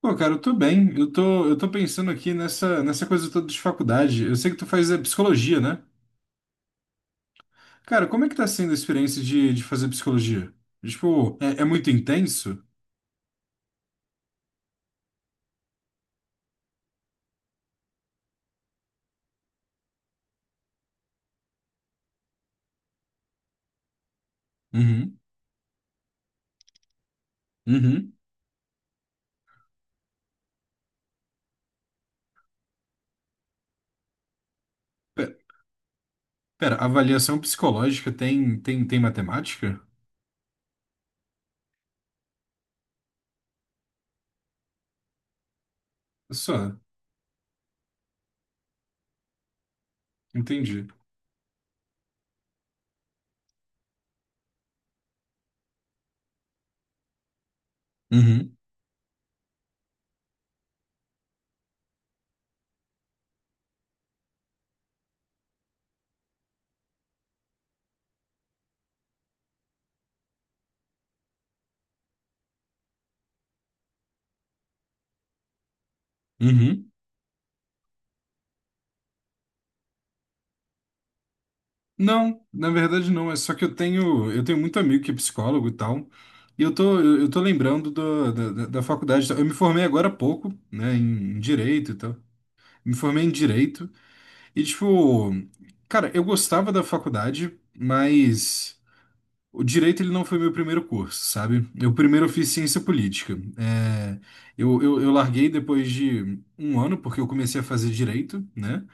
Pô, cara, eu tô bem. Eu tô pensando aqui nessa coisa toda de faculdade. Eu sei que tu faz psicologia, né? Cara, como é que tá sendo a experiência de fazer psicologia? Tipo, é muito intenso? Uhum, uhum. Pe- Pera, avaliação psicológica tem matemática? Só, entendi. Uhum, uhum. Não, na verdade não. É só que eu tenho muito amigo que é psicólogo e tal. E eu tô lembrando do, da, da da faculdade. Eu me formei agora há pouco, né, em direito e tal. Me formei em direito e, tipo, cara, eu gostava da faculdade, mas o direito ele não foi meu primeiro curso, sabe? Eu primeiro fiz ciência política. Eu larguei depois de um ano, porque eu comecei a fazer direito, né?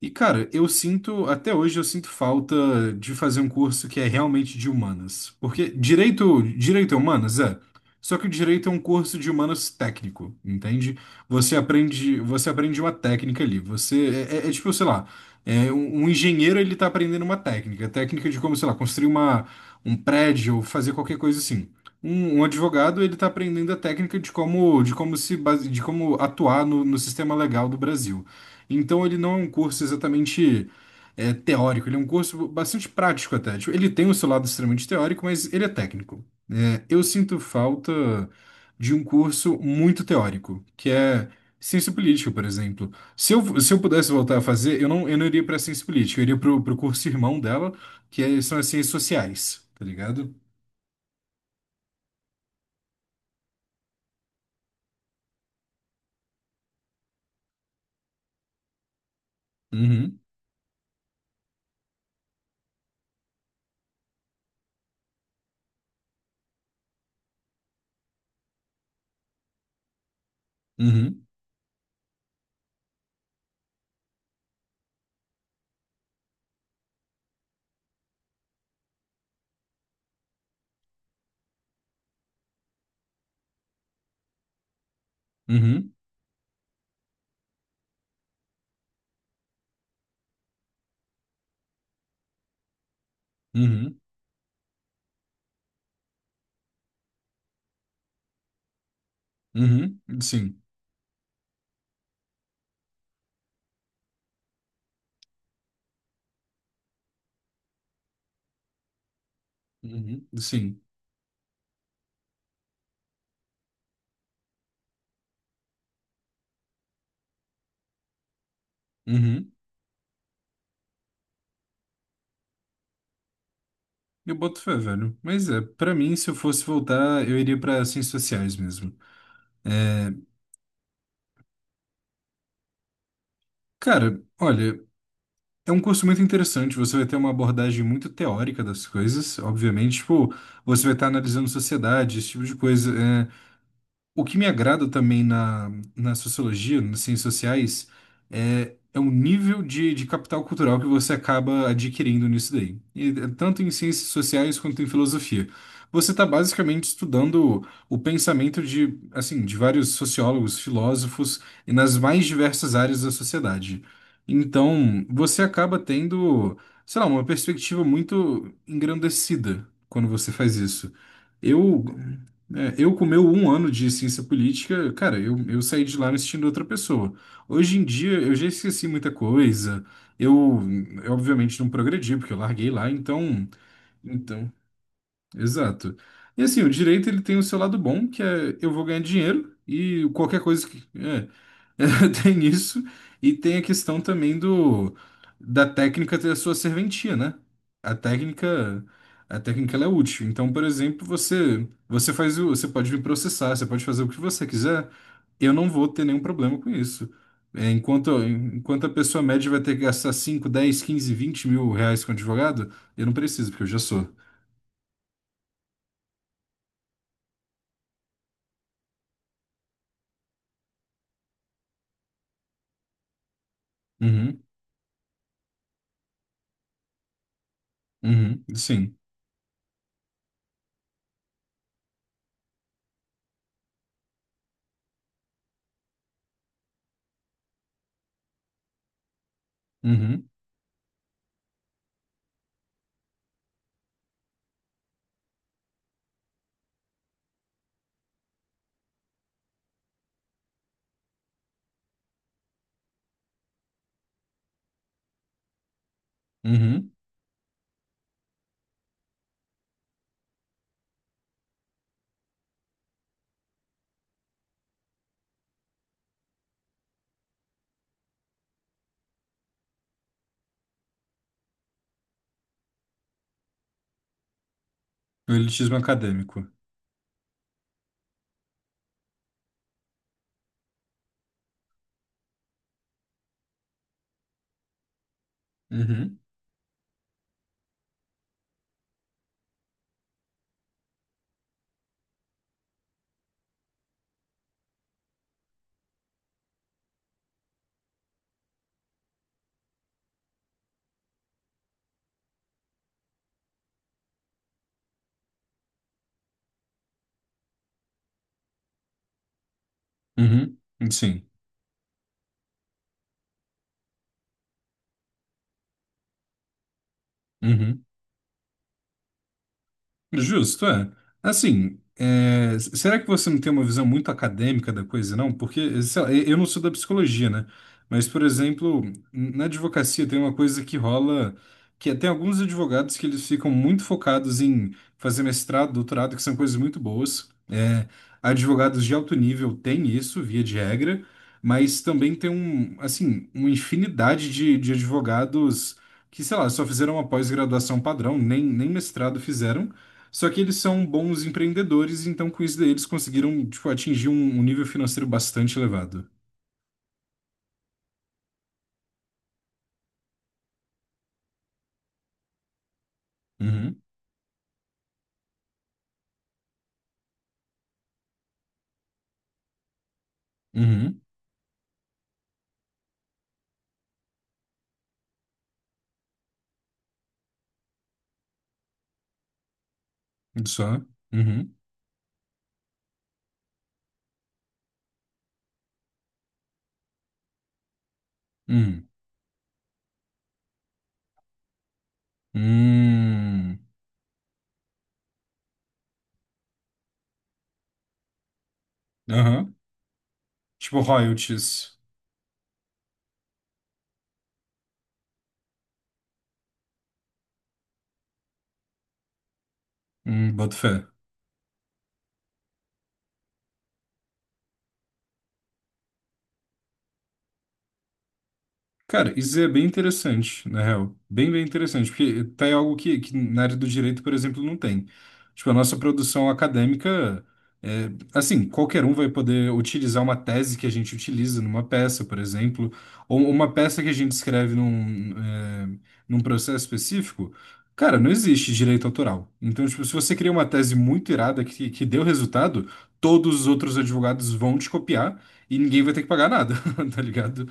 E, cara, eu sinto, até hoje eu sinto falta de fazer um curso que é realmente de humanas. Porque direito é humanas, é. Só que o direito é um curso de humanas técnico, entende? Você aprende uma técnica ali. Você tipo, sei lá, um engenheiro ele tá aprendendo uma técnica de como, sei lá, construir um prédio, fazer qualquer coisa assim. Um advogado ele tá aprendendo a técnica de como atuar no sistema legal do Brasil. Então ele não é um curso exatamente teórico, ele é um curso bastante prático até. Tipo, ele tem o seu lado extremamente teórico, mas ele é técnico. Eu sinto falta de um curso muito teórico, que é ciência política, por exemplo. Se eu pudesse voltar a fazer, eu não iria para ciência política, eu iria para o curso irmão dela, são as ciências sociais, tá ligado? Uhum, uhum, uhum, uhum, uhum, sim, uhum, sim, uhum. Eu boto fé, velho. Mas pra mim, se eu fosse voltar, eu iria pra ciências sociais mesmo. É, Cara, olha, é um curso muito interessante. Você vai ter uma abordagem muito teórica das coisas, obviamente. Tipo, você vai estar analisando sociedade, esse tipo de coisa. O que me agrada também na sociologia, nas ciências sociais, é o nível de capital cultural que você acaba adquirindo nisso daí. E, tanto em ciências sociais quanto em filosofia. Você está basicamente estudando o pensamento assim, de vários sociólogos, filósofos, e nas mais diversas áreas da sociedade. Então, você acaba tendo, sei lá, uma perspectiva muito engrandecida quando você faz isso. Eu eu com meu um ano de ciência política, cara, eu saí de lá me sentindo outra pessoa. Hoje em dia eu já esqueci muita coisa. Eu, eu obviamente não progredi porque eu larguei lá, então. Exato. E assim, o direito ele tem o seu lado bom, que é eu vou ganhar dinheiro e qualquer coisa que é, tem isso. E tem a questão também do da técnica ter a sua serventia, né? A técnica a técnica ela é útil. Então, por exemplo, você pode me processar, você pode fazer o que você quiser. Eu não vou ter nenhum problema com isso. Enquanto a pessoa média vai ter que gastar 5 10 15 20 mil reais com advogado, eu não preciso, porque eu já sou. Uhum. Uhum, sim. Uhum, uhum. Elitismo acadêmico. Uhum, uhum, sim. Uhum. Justo, é. Assim, será que você não tem uma visão muito acadêmica da coisa, não? Porque, sei lá, eu não sou da psicologia, né? Mas, por exemplo, na advocacia tem uma coisa que rola, tem alguns advogados que eles ficam muito focados em fazer mestrado, doutorado, que são coisas muito boas. Advogados de alto nível têm isso, via de regra, mas também tem um, assim, uma infinidade de advogados que, sei lá, só fizeram uma pós-graduação padrão, nem mestrado fizeram. Só que eles são bons empreendedores, então com isso daí eles conseguiram, tipo, atingir um nível financeiro bastante elevado. Uhum, uhum, só, uhum, uhum, hum, aham, Tipo royalties, boto fé. Cara, isso é bem interessante, na real. Bem, bem interessante, porque tá aí algo que na área do direito, por exemplo, não tem. Tipo, a nossa produção acadêmica, assim, qualquer um vai poder utilizar uma tese que a gente utiliza numa peça, por exemplo, ou uma peça que a gente escreve num processo específico. Cara, não existe direito autoral. Então, tipo, se você cria uma tese muito irada que deu resultado, todos os outros advogados vão te copiar e ninguém vai ter que pagar nada, tá ligado?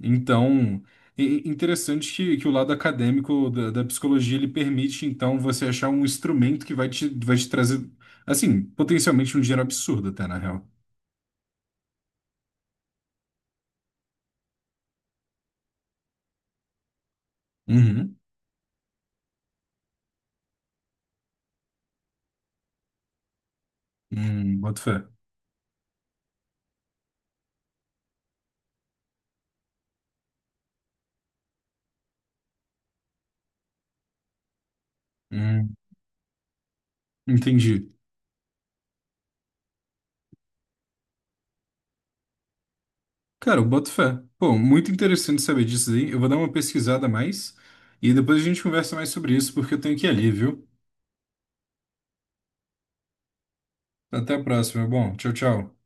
Então, i- interessante que o lado acadêmico da psicologia ele permite, então, você achar um instrumento que vai te trazer, assim, potencialmente um dinheiro absurdo, até, na real. Uhum. Boto fé. Hum, entendi. Cara, eu boto fé. Pô, muito interessante saber disso aí. Eu vou dar uma pesquisada a mais e depois a gente conversa mais sobre isso, porque eu tenho que ir ali, viu? Até a próxima, meu bom. Tchau, tchau.